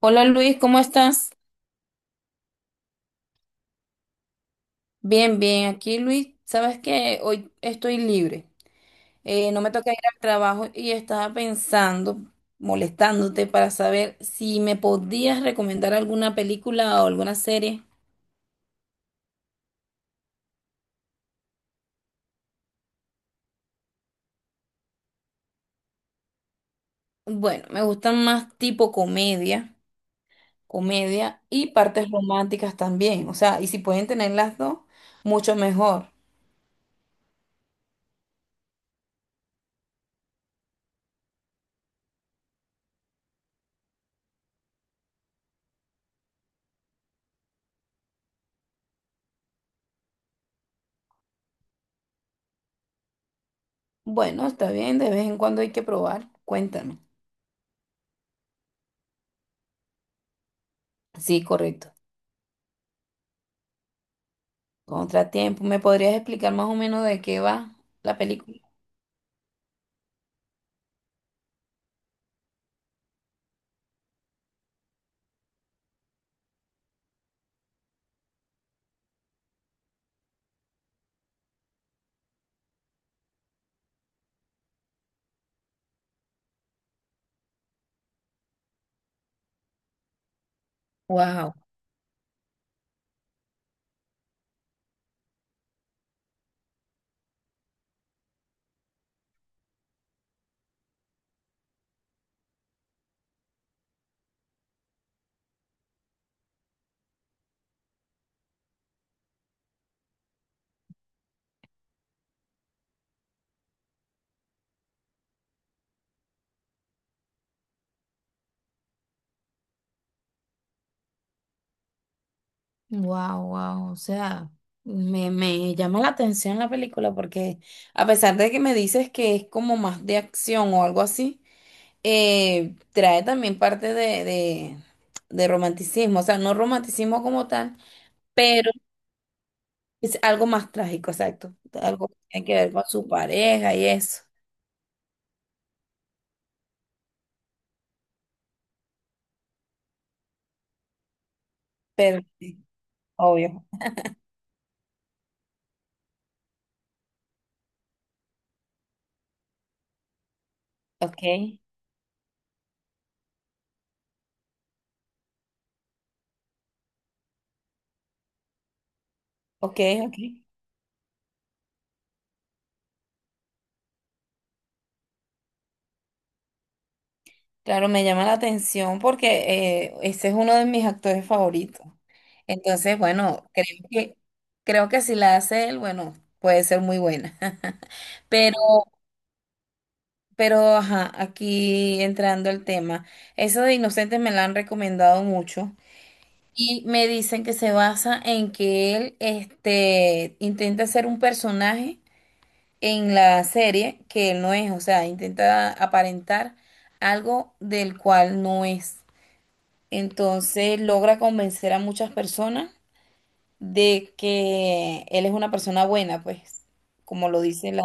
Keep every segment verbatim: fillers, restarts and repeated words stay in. Hola Luis, ¿cómo estás? Bien, bien. Aquí Luis, sabes que hoy estoy libre. Eh, no me toca ir al trabajo y estaba pensando, molestándote para saber si me podías recomendar alguna película o alguna serie. Bueno, me gustan más tipo comedia, comedia y partes románticas también. O sea, y si pueden tener las dos, mucho mejor. Bueno, está bien, de vez en cuando hay que probar. Cuéntame. Sí, correcto. Contratiempo. ¿Me podrías explicar más o menos de qué va la película? Wow, wow, wow. O sea, me, me llama la atención la película porque a pesar de que me dices que es como más de acción o algo así, eh, trae también parte de, de, de romanticismo. O sea, no romanticismo como tal, pero es algo más trágico, exacto. Algo que tiene que ver con su pareja y eso. Pero, sí, obvio. Ok, ok, ok. Claro, me llama la atención porque eh, ese es uno de mis actores favoritos. Entonces, bueno, creo que, creo que si la hace él, bueno, puede ser muy buena. Pero, pero, ajá, aquí entrando el tema, eso de Inocentes me la han recomendado mucho y me dicen que se basa en que él, este, intenta ser un personaje en la serie que él no es, o sea, intenta aparentar algo del cual no es. Entonces logra convencer a muchas personas de que él es una persona buena, pues, como lo dice la...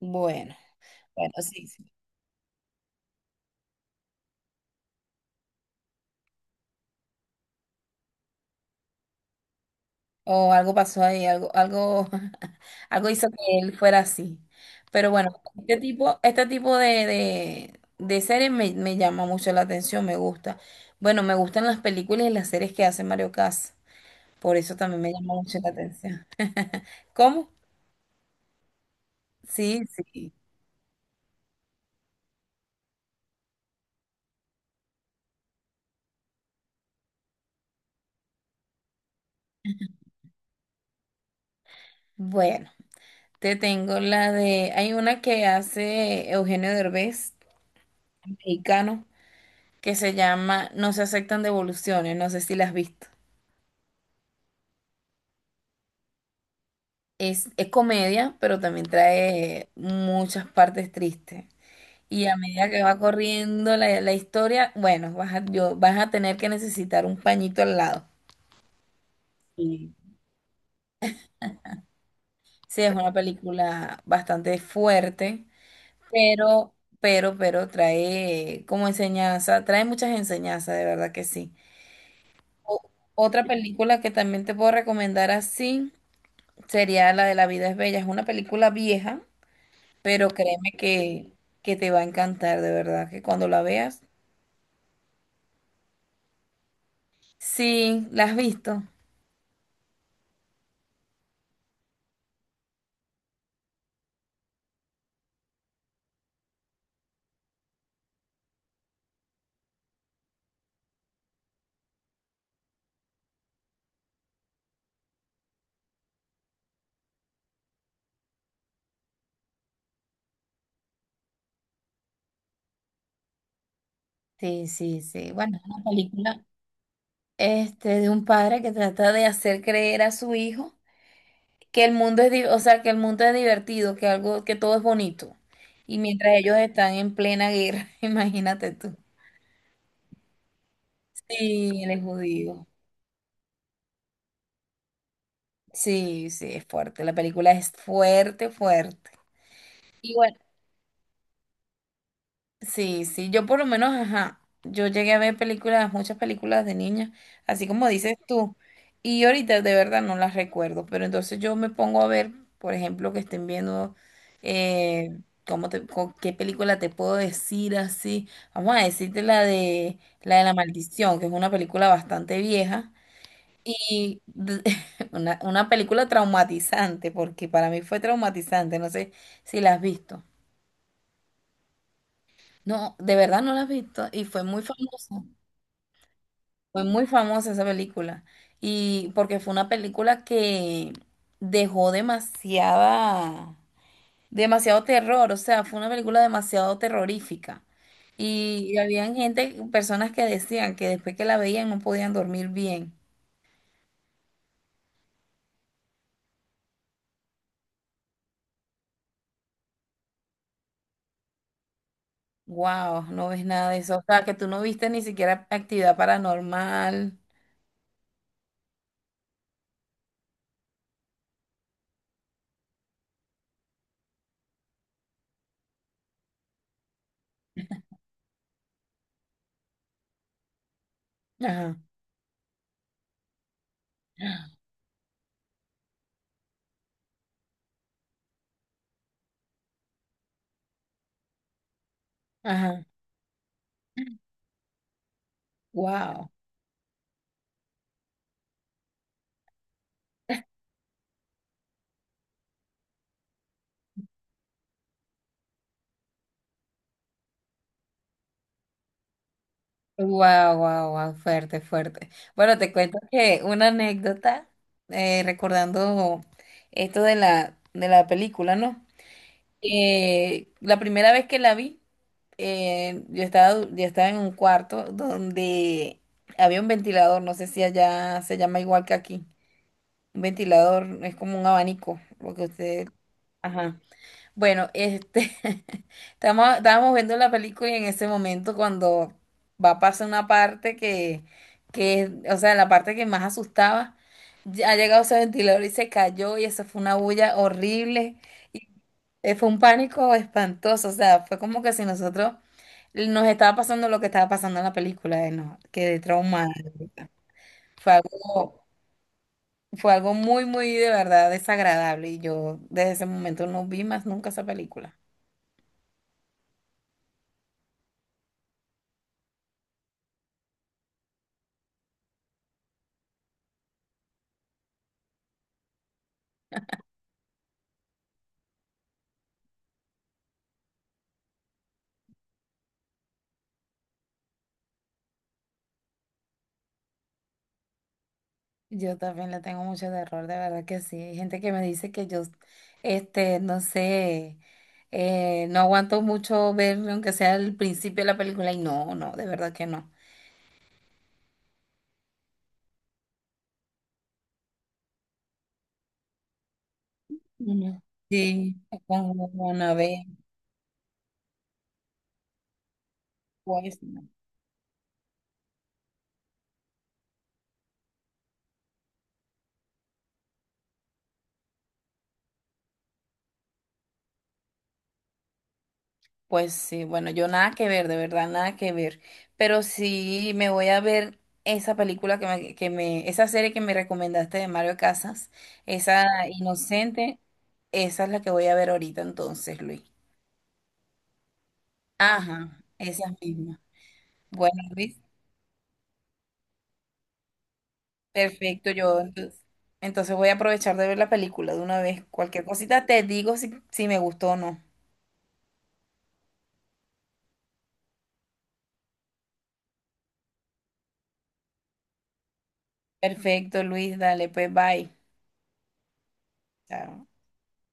Bueno, bueno, sí, sí. O algo pasó ahí, algo, algo, algo hizo que él fuera así. Pero bueno, este tipo, este tipo de, de, de series me, me llama mucho la atención, me gusta. Bueno, me gustan las películas y las series que hace Mario Casas. Por eso también me llama mucho la atención. ¿Cómo? Sí, sí. Bueno. Te tengo la de, hay una que hace Eugenio Derbez, mexicano, que se llama No se aceptan devoluciones, no sé si la has visto. Es, es comedia, pero también trae muchas partes tristes. Y a medida que va corriendo la, la historia, bueno, vas a, yo, vas a tener que necesitar un pañito al lado. Sí. Sí, es una película bastante fuerte, pero, pero, pero trae como enseñanza, trae muchas enseñanzas, de verdad que sí. O- Otra película que también te puedo recomendar así sería la de La vida es bella. Es una película vieja, pero créeme que, que te va a encantar, de verdad, que cuando la veas. Sí, ¿la has visto? Sí, sí, sí. Bueno, es una película este, de un padre que trata de hacer creer a su hijo que el mundo es, di- o sea, que el mundo es divertido, que algo, que todo es bonito. Y mientras ellos están en plena guerra, imagínate tú. Sí, él es judío. Sí, sí, es fuerte. La película es fuerte, fuerte. Y bueno, sí, sí, yo por lo menos, ajá, yo llegué a ver películas, muchas películas de niña, así como dices tú, y ahorita de verdad no las recuerdo, pero entonces yo me pongo a ver, por ejemplo, que estén viendo, eh, cómo te, co- qué película te puedo decir así, vamos a decirte la de, la de La Maldición, que es una película bastante vieja. Y de- una, una película traumatizante, porque para mí fue traumatizante, no sé si la has visto. No, de verdad no la has visto y fue muy famosa, fue muy famosa esa película. Y porque fue una película que dejó demasiada, demasiado terror, o sea, fue una película demasiado terrorífica. Y habían gente, personas que decían que después que la veían no podían dormir bien. Wow, no ves nada de eso. O sea, que tú no viste ni siquiera actividad paranormal. Ajá. Ajá. Wow. Wow, wow, wow, fuerte, fuerte. Bueno, te cuento que una anécdota, eh, recordando esto de la, de la película, ¿no? Eh, la primera vez que la vi, eh, yo estaba, du- yo estaba en un cuarto donde había un ventilador, no sé si allá se llama igual que aquí. Un ventilador es como un abanico, lo que usted... Ajá. Bueno, este, estamos, estábamos viendo la película y en ese momento cuando va a pasar una parte que, que, o sea, la parte que más asustaba, ya ha llegado ese ventilador y se cayó y eso fue una bulla horrible y eh, fue un pánico espantoso, o sea, fue como que si nosotros nos estaba pasando lo que estaba pasando en la película, eh, no, quedé traumada. Fue algo, fue algo muy, muy de verdad desagradable y yo desde ese momento no vi más nunca esa película. Yo también le tengo mucho terror, de verdad que sí. Hay gente que me dice que yo, este, no sé, eh, no aguanto mucho ver aunque sea el principio de la película y no, no, de verdad que no. No, no. Sí, con una vez, pues. No. Pues sí, bueno, yo nada que ver, de verdad, nada que ver. Pero sí me voy a ver esa película que me, que me, esa serie que me recomendaste de Mario Casas, esa Inocente, esa es la que voy a ver ahorita entonces, Luis. Ajá, esa misma. Bueno, Luis, perfecto, yo entonces, entonces voy a aprovechar de ver la película de una vez. Cualquier cosita te digo si, si me gustó o no. Perfecto, Luis, dale, pues bye. Chao.